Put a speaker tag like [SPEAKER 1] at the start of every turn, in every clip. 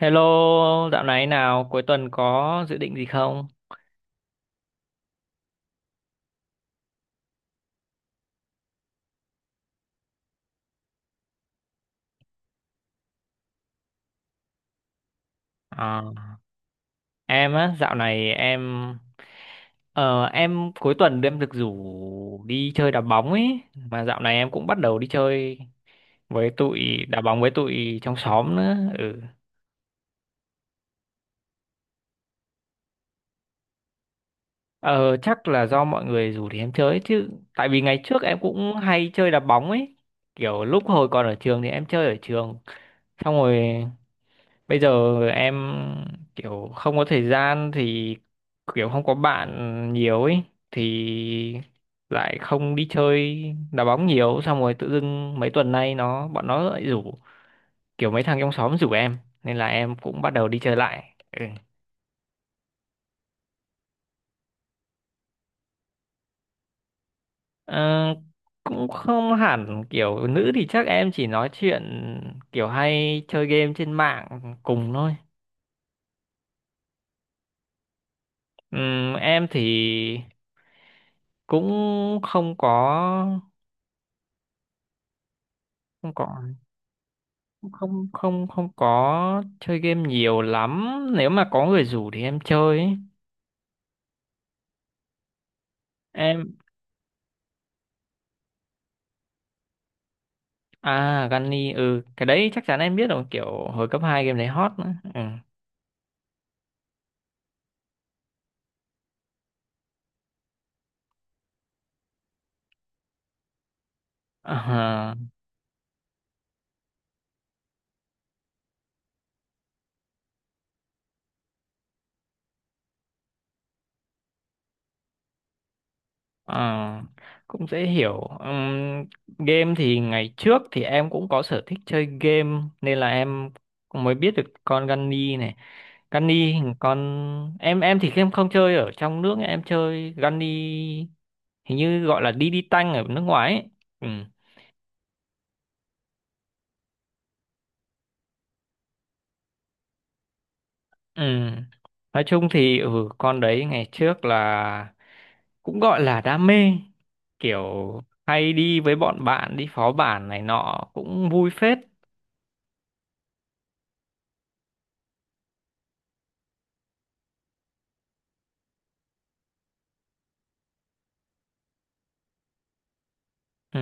[SPEAKER 1] Hello, dạo này nào, cuối tuần có dự định gì không? À, em á, dạo này em cuối tuần em được rủ đi chơi đá bóng ấy, mà dạo này em cũng bắt đầu đi chơi với tụi đá bóng với tụi trong xóm nữa. Ừ. Ờ, chắc là do mọi người rủ thì em chơi chứ, tại vì ngày trước em cũng hay chơi đá bóng ấy. Kiểu lúc hồi còn ở trường thì em chơi ở trường, xong rồi bây giờ em kiểu không có thời gian thì kiểu không có bạn nhiều ấy thì lại không đi chơi đá bóng nhiều xong rồi tự dưng mấy tuần nay bọn nó lại rủ, kiểu mấy thằng trong xóm rủ em nên là em cũng bắt đầu đi chơi lại ừ. Ờ, cũng không hẳn kiểu nữ thì chắc em chỉ nói chuyện kiểu hay chơi game trên mạng cùng thôi. Em thì cũng không có không có không có chơi game nhiều lắm, nếu mà có người rủ thì em chơi ấy. em à, Gunny. Ừ. Cái đấy chắc chắn em biết rồi, kiểu hồi cấp 2 game đấy hot nữa ừ. à, à, Cũng dễ hiểu. Game thì ngày trước thì em cũng có sở thích chơi game nên là em cũng mới biết được con Gunny này. Gunny hình con, em thì em không chơi ở trong nước, em chơi Gunny hình như gọi là đi đi tanh ở nước ngoài ấy. Ừ. Ừ. Nói chung thì con đấy ngày trước là cũng gọi là đam mê, kiểu hay đi với bọn bạn đi phó bản này nọ cũng vui phết ừ.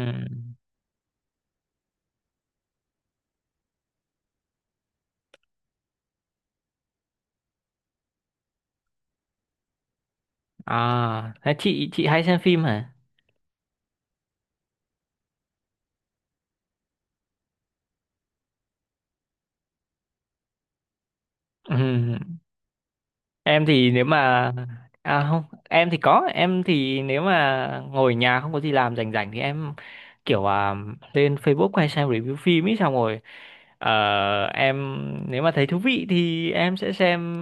[SPEAKER 1] À, thế chị hay xem phim hả ừ. Em thì nếu mà À không, em thì có, em thì nếu mà ngồi nhà không có gì làm rảnh rảnh thì em kiểu lên Facebook hay xem review phim ấy xong rồi ờ, em, nếu mà thấy thú vị thì em sẽ xem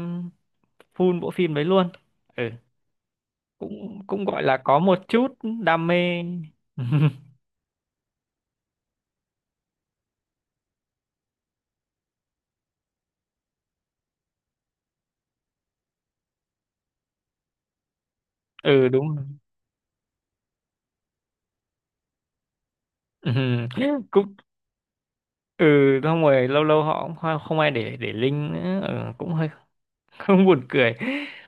[SPEAKER 1] full bộ phim đấy luôn. Ừ cũng cũng gọi là có một chút đam mê. Ừ Đúng rồi. Ừ. Cũng ừ xong rồi lâu lâu họ cũng không không ai để link nữa, cũng hơi không buồn cười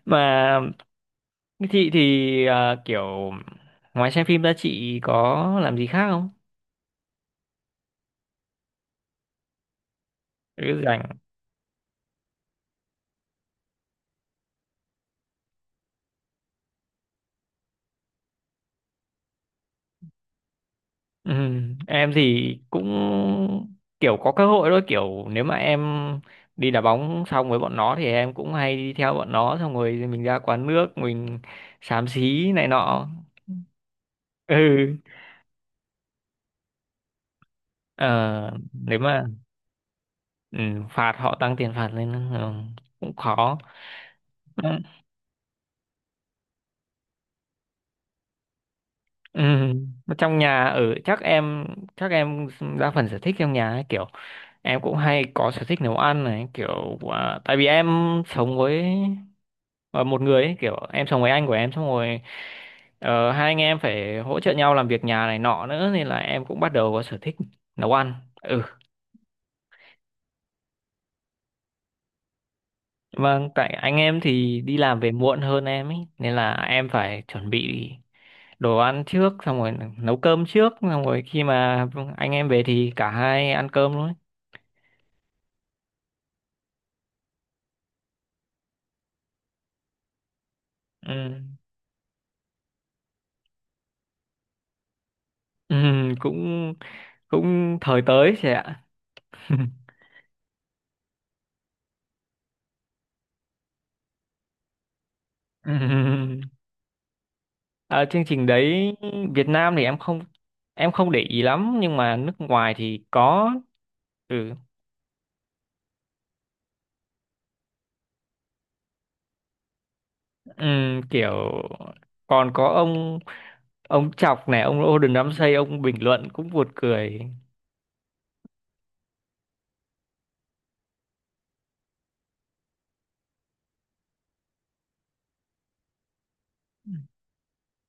[SPEAKER 1] mà. Thế chị thì kiểu ngoài xem phim ra chị có làm gì khác không? Cứ rảnh. Ừ, em thì cũng kiểu có cơ hội thôi, kiểu nếu mà em đi đá bóng xong với bọn nó thì em cũng hay đi theo bọn nó xong rồi mình ra quán nước mình xám xí này nọ. Ừ. Ờ, nếu mà ừ, phạt họ tăng tiền phạt lên, cũng khó. Ừ. Ừ. Mà trong nhà ở chắc em, chắc em đa phần sở thích trong nhà ấy, kiểu em cũng hay có sở thích nấu ăn này, kiểu tại vì em sống với ờ, một người ấy, kiểu em sống với anh của em xong rồi hai anh em phải hỗ trợ nhau làm việc nhà này nọ nữa nên là em cũng bắt đầu có sở thích nấu ăn ừ vâng, tại anh em thì đi làm về muộn hơn em ấy nên là em phải chuẩn bị đồ ăn trước xong rồi nấu cơm trước xong rồi khi mà anh em về thì cả hai ăn cơm luôn ấy. Ừ. ừ cũng cũng thời tới chị ạ. Ừ. Ờ, chương trình đấy Việt Nam thì em không để ý lắm nhưng mà nước ngoài thì có ừ, Kiểu còn có ông Chọc này, ông Gordon Ramsay, ông bình luận cũng buồn cười.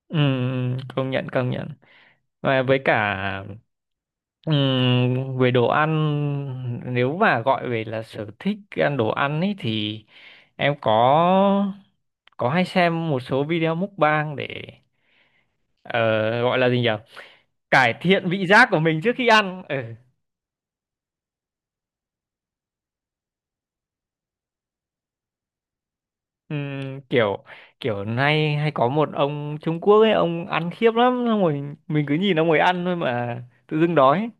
[SPEAKER 1] Công nhận công nhận, và với cả về đồ ăn nếu mà gọi về là sở thích ăn đồ ăn ấy thì em có hay xem một số video mukbang để ờ, gọi là gì nhỉ, cải thiện vị giác của mình trước khi ăn ừ. Kiểu kiểu nay hay có một ông Trung Quốc ấy, ông ăn khiếp lắm xong rồi mình cứ nhìn ông ấy ăn thôi mà tự dưng đói.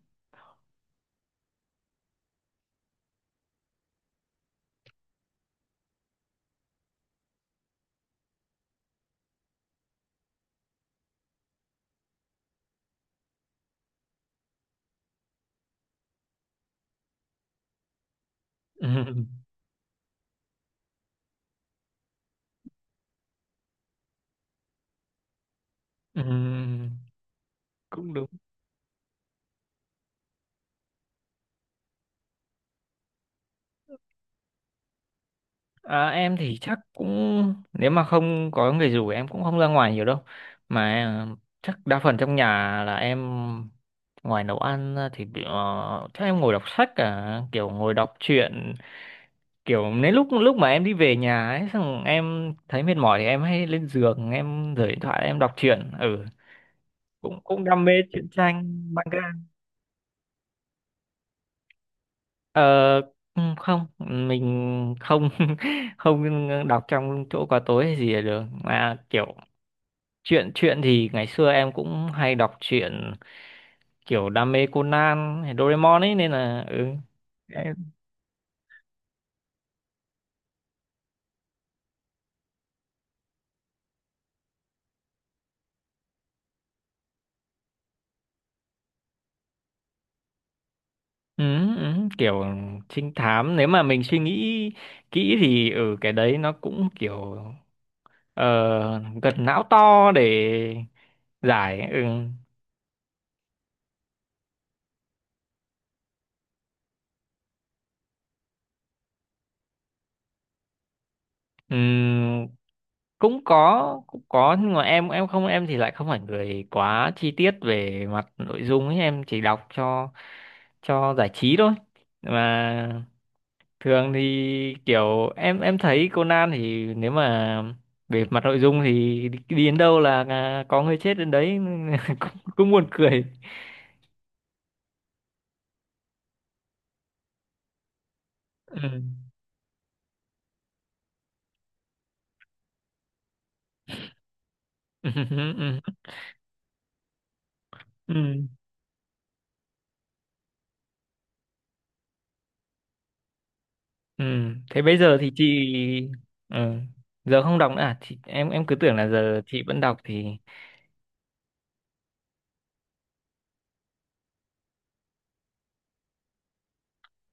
[SPEAKER 1] Ừm, ừm, Cũng đúng. À, em thì chắc cũng nếu mà không có người rủ em cũng không ra ngoài nhiều đâu, mà chắc đa phần trong nhà là em, ngoài nấu ăn ra thì chắc em ngồi đọc sách, cả kiểu ngồi đọc truyện, kiểu nếu lúc lúc mà em đi về nhà ấy xong em thấy mệt mỏi thì em hay lên giường em rời điện thoại em đọc truyện ừ cũng cũng đam mê truyện tranh manga. Ờ, Không, mình không không đọc trong chỗ có tối hay gì là được. Mà kiểu truyện truyện thì ngày xưa em cũng hay đọc truyện, kiểu đam mê Conan hay Doraemon ấy nên là em- ừ, kiểu trinh thám nếu mà mình suy nghĩ kỹ thì ừ cái đấy nó cũng kiểu ờ, gật não to để giải. Ừ. Cũng có, cũng có, nhưng mà em không, em thì lại không phải người quá chi tiết về mặt nội dung ấy, em chỉ đọc cho giải trí thôi, mà thường thì kiểu em thấy Conan thì nếu mà về mặt nội dung thì đi đi đến đâu là có người chết đến đấy nên là cũng buồn cười. Ừ. Ừ. Ừ. Ừ. Ừ. Thế bây giờ thì chị. Ừ. Giờ không đọc nữa à? Chị, em cứ tưởng là giờ chị vẫn đọc thì.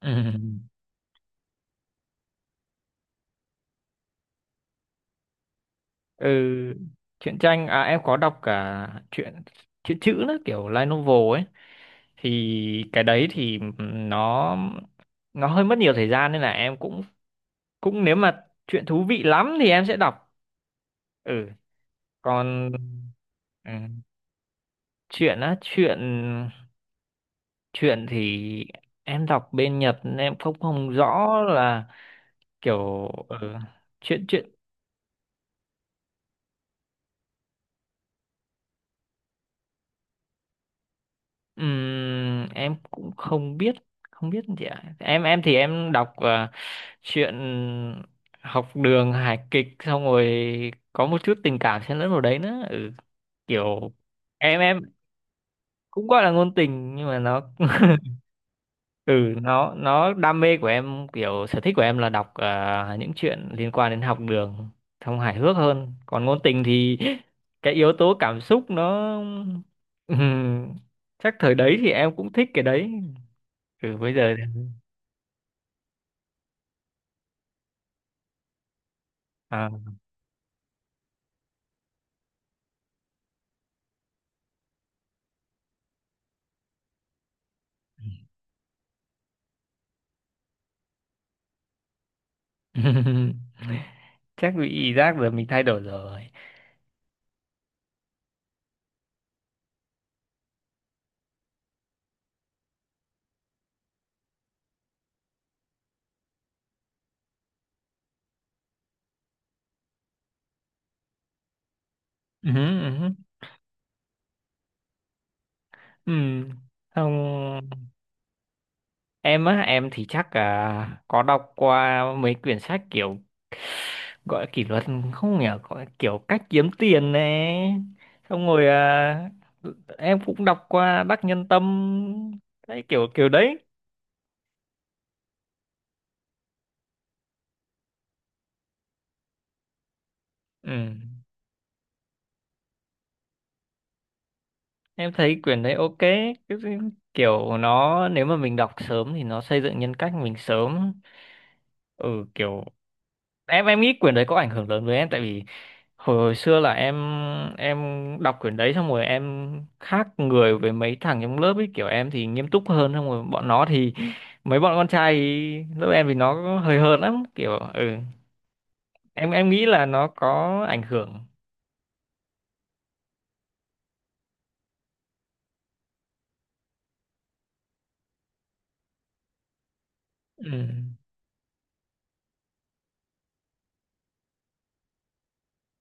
[SPEAKER 1] Ừ. ừ Truyện tranh à, em có đọc cả truyện truyện chữ nữa, kiểu light novel ấy, thì cái đấy thì nó nó hơi mất nhiều thời gian nên là em cũng cũng nếu mà chuyện thú vị lắm thì em sẽ đọc. Ừ còn ừ. chuyện á, chuyện chuyện thì em đọc bên Nhật nên em không không rõ là kiểu ừ. Chuyện chuyện em cũng không biết gì ạ. Em thì em đọc chuyện học đường hài kịch xong rồi có một chút tình cảm xen lẫn vào đấy nữa, kiểu em cũng gọi là ngôn tình nhưng mà nó ừ nó đam mê của em, kiểu sở thích của em là đọc những chuyện liên quan đến học đường xong hài hước hơn, còn ngôn tình thì cái yếu tố cảm xúc nó. Ừm, Chắc thời đấy thì em cũng thích cái đấy. Bây giờ à, chắc bị giác giờ mình thay đổi rồi. Ừ, ừ, ừ. Không, em á, em thì chắc là có đọc qua mấy quyển sách kiểu gọi là kỷ luật không nhỉ, gọi là kiểu cách kiếm tiền này, xong rồi em cũng đọc qua Đắc Nhân Tâm đấy, kiểu kiểu đấy ừ. Em thấy quyển đấy ok. Kiểu nó nếu mà mình đọc sớm thì nó xây dựng nhân cách mình sớm, kiểu em nghĩ quyển đấy có ảnh hưởng lớn với em tại vì hồi xưa là em đọc quyển đấy xong rồi em khác người với mấy thằng trong lớp ấy, kiểu em thì nghiêm túc hơn xong rồi bọn nó thì, mấy bọn con trai ý, lớp em thì nó hơi hợt lắm, kiểu ừ em nghĩ là nó có ảnh hưởng ừ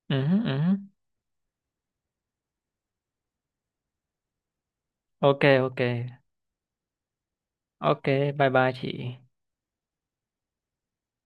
[SPEAKER 1] ừ ừ ok, ok, ok. Bye bye chị.